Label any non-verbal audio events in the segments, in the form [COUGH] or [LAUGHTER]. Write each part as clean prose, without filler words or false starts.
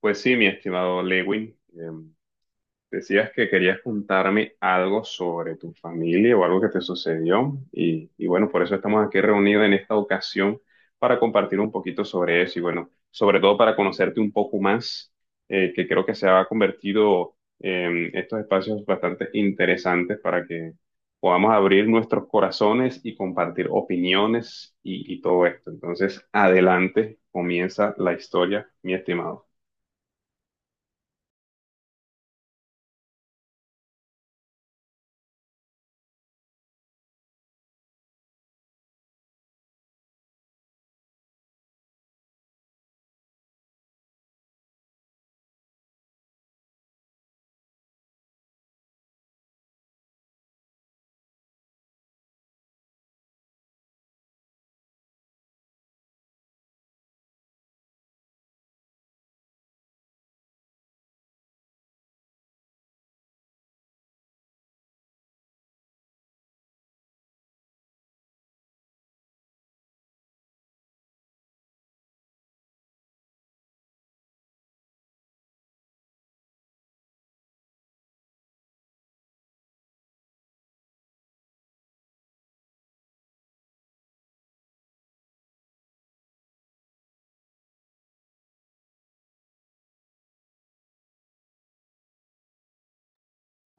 Pues sí, mi estimado Lewin, decías que querías contarme algo sobre tu familia o algo que te sucedió y bueno, por eso estamos aquí reunidos en esta ocasión para compartir un poquito sobre eso y bueno, sobre todo para conocerte un poco más, que creo que se ha convertido en estos espacios bastante interesantes para que podamos abrir nuestros corazones y compartir opiniones y todo esto. Entonces, adelante, comienza la historia, mi estimado.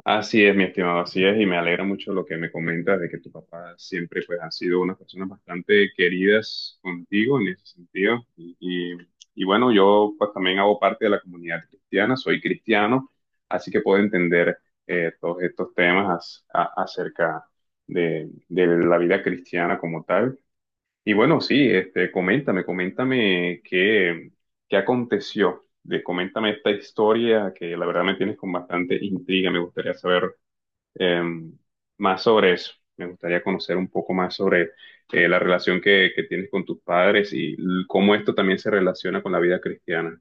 Así es, mi estimado, así es, y me alegra mucho lo que me comentas de que tu papá siempre pues ha sido una persona bastante queridas contigo en ese sentido. Y bueno, yo pues también hago parte de la comunidad cristiana, soy cristiano, así que puedo entender todos estos temas acerca de la vida cristiana como tal. Y bueno, sí, este, coméntame qué, ¿qué aconteció? De, coméntame esta historia que la verdad me tienes con bastante intriga. Me gustaría saber em, más sobre eso. Me gustaría conocer un poco más sobre la relación que tienes con tus padres y cómo esto también se relaciona con la vida cristiana.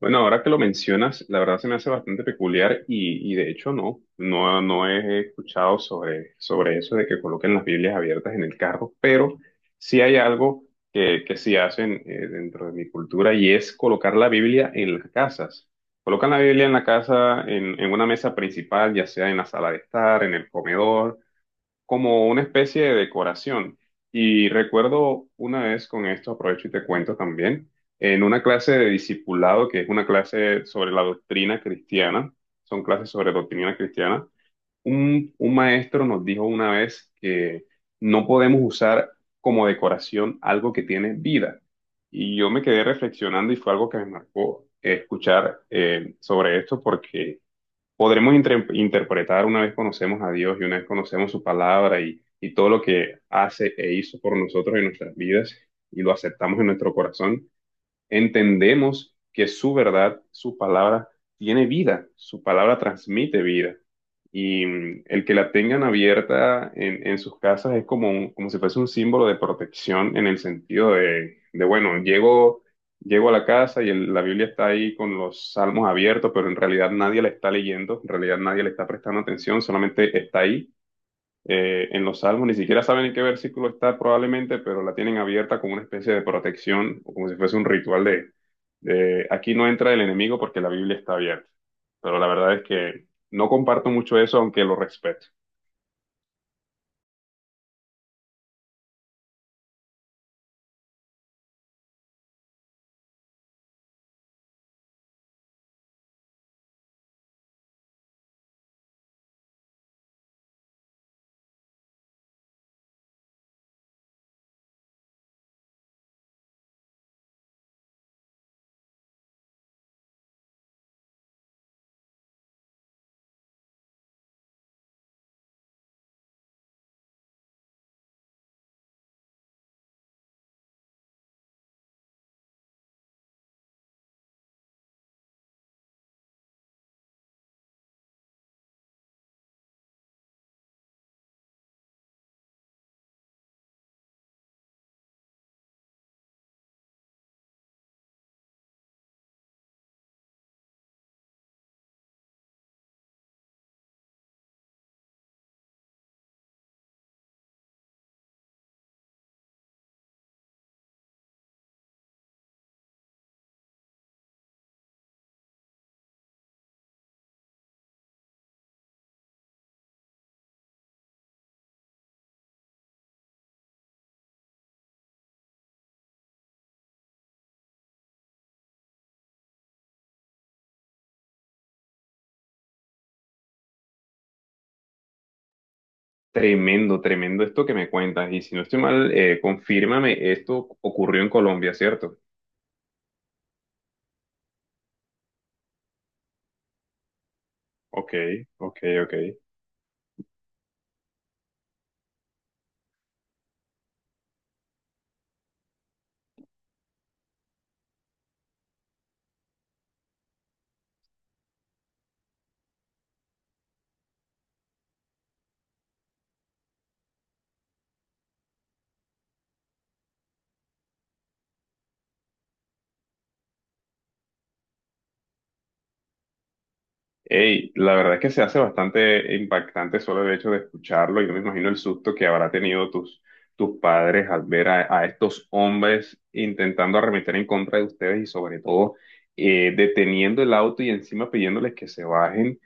Bueno, ahora que lo mencionas, la verdad se me hace bastante peculiar y de hecho no, no, no he escuchado sobre eso de que coloquen las Biblias abiertas en el carro, pero sí hay algo que sí hacen dentro de mi cultura y es colocar la Biblia en las casas. Colocan la Biblia en la casa, en una mesa principal, ya sea en la sala de estar, en el comedor como una especie de decoración. Y recuerdo una vez con esto, aprovecho y te cuento también, en una clase de discipulado, que es una clase sobre la doctrina cristiana, son clases sobre doctrina cristiana, un maestro nos dijo una vez que no podemos usar como decoración algo que tiene vida. Y yo me quedé reflexionando y fue algo que me marcó escuchar sobre esto porque podremos interpretar una vez conocemos a Dios y una vez conocemos su palabra y todo lo que hace e hizo por nosotros en nuestras vidas y lo aceptamos en nuestro corazón, entendemos que su verdad, su palabra, tiene vida, su palabra transmite vida. Y el que la tengan abierta en sus casas es como, como si fuese un símbolo de protección en el sentido de, bueno, llego a la casa y la Biblia está ahí con los salmos abiertos, pero en realidad nadie la está leyendo, en realidad nadie le está prestando atención, solamente está ahí en los salmos, ni siquiera saben en qué versículo está probablemente, pero la tienen abierta como una especie de protección, o como si fuese un ritual de, aquí no entra el enemigo porque la Biblia está abierta. Pero la verdad es que no comparto mucho eso, aunque lo respeto. Tremendo, tremendo esto que me cuentas. Y si no estoy mal, confírmame, esto ocurrió en Colombia, ¿cierto? Ok, ok, ok. Ey, la verdad es que se hace bastante impactante solo el hecho de escucharlo. Yo me imagino el susto que habrá tenido tus, tus padres al ver a estos hombres intentando arremeter en contra de ustedes y sobre todo deteniendo el auto y encima pidiéndoles que se bajen.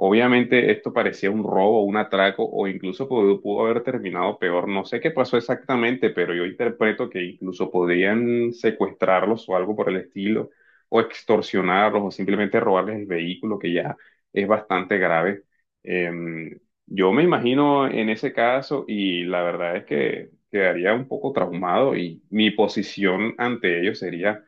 Obviamente esto parecía un robo, un atraco o incluso pudo, pudo haber terminado peor. No sé qué pasó exactamente, pero yo interpreto que incluso podrían secuestrarlos o algo por el estilo, o extorsionarlos o simplemente robarles el vehículo que ya es bastante grave. Eh, yo me imagino en ese caso y la verdad es que quedaría un poco traumado y mi posición ante ello sería,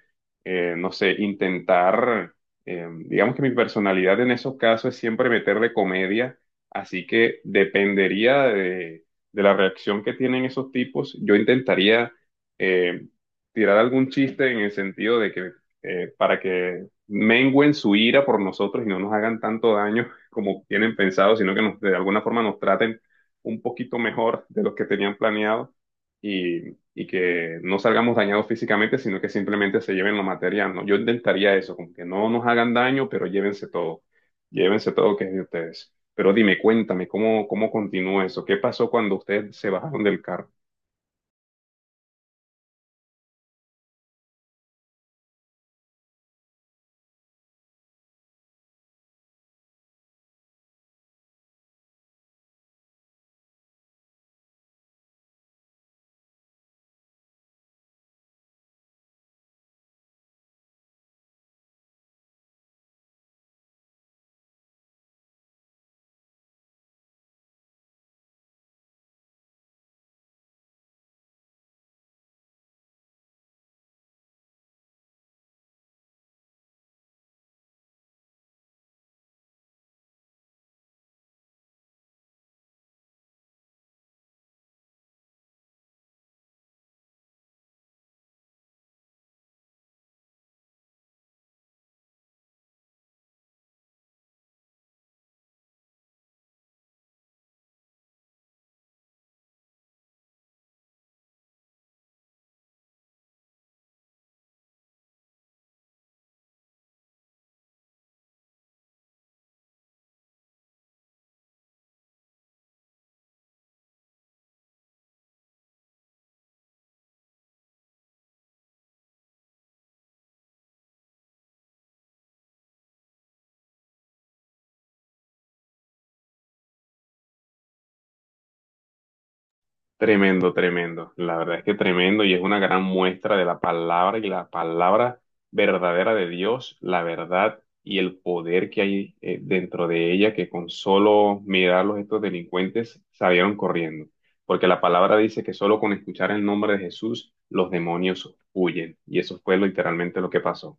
no sé, intentar, digamos que mi personalidad en esos casos es siempre meterle comedia, así que dependería de la reacción que tienen esos tipos. Yo intentaría eh, tirar algún chiste en el sentido de que para que mengüen su ira por nosotros y no nos hagan tanto daño [LAUGHS] como tienen pensado, sino que nos, de alguna forma nos traten un poquito mejor de lo que tenían planeado y que no salgamos dañados físicamente, sino que simplemente se lleven lo material, ¿no? Yo intentaría eso, como que no nos hagan daño, pero llévense todo que es de ustedes. Pero dime, cuéntame, ¿cómo, cómo continúa eso? ¿Qué pasó cuando ustedes se bajaron del carro? Tremendo, tremendo. La verdad es que tremendo y es una gran muestra de la palabra y la palabra verdadera de Dios, la verdad y el poder que hay dentro de ella, que con solo mirarlos estos delincuentes salieron corriendo. Porque la palabra dice que solo con escuchar el nombre de Jesús los demonios huyen. Y eso fue literalmente lo que pasó.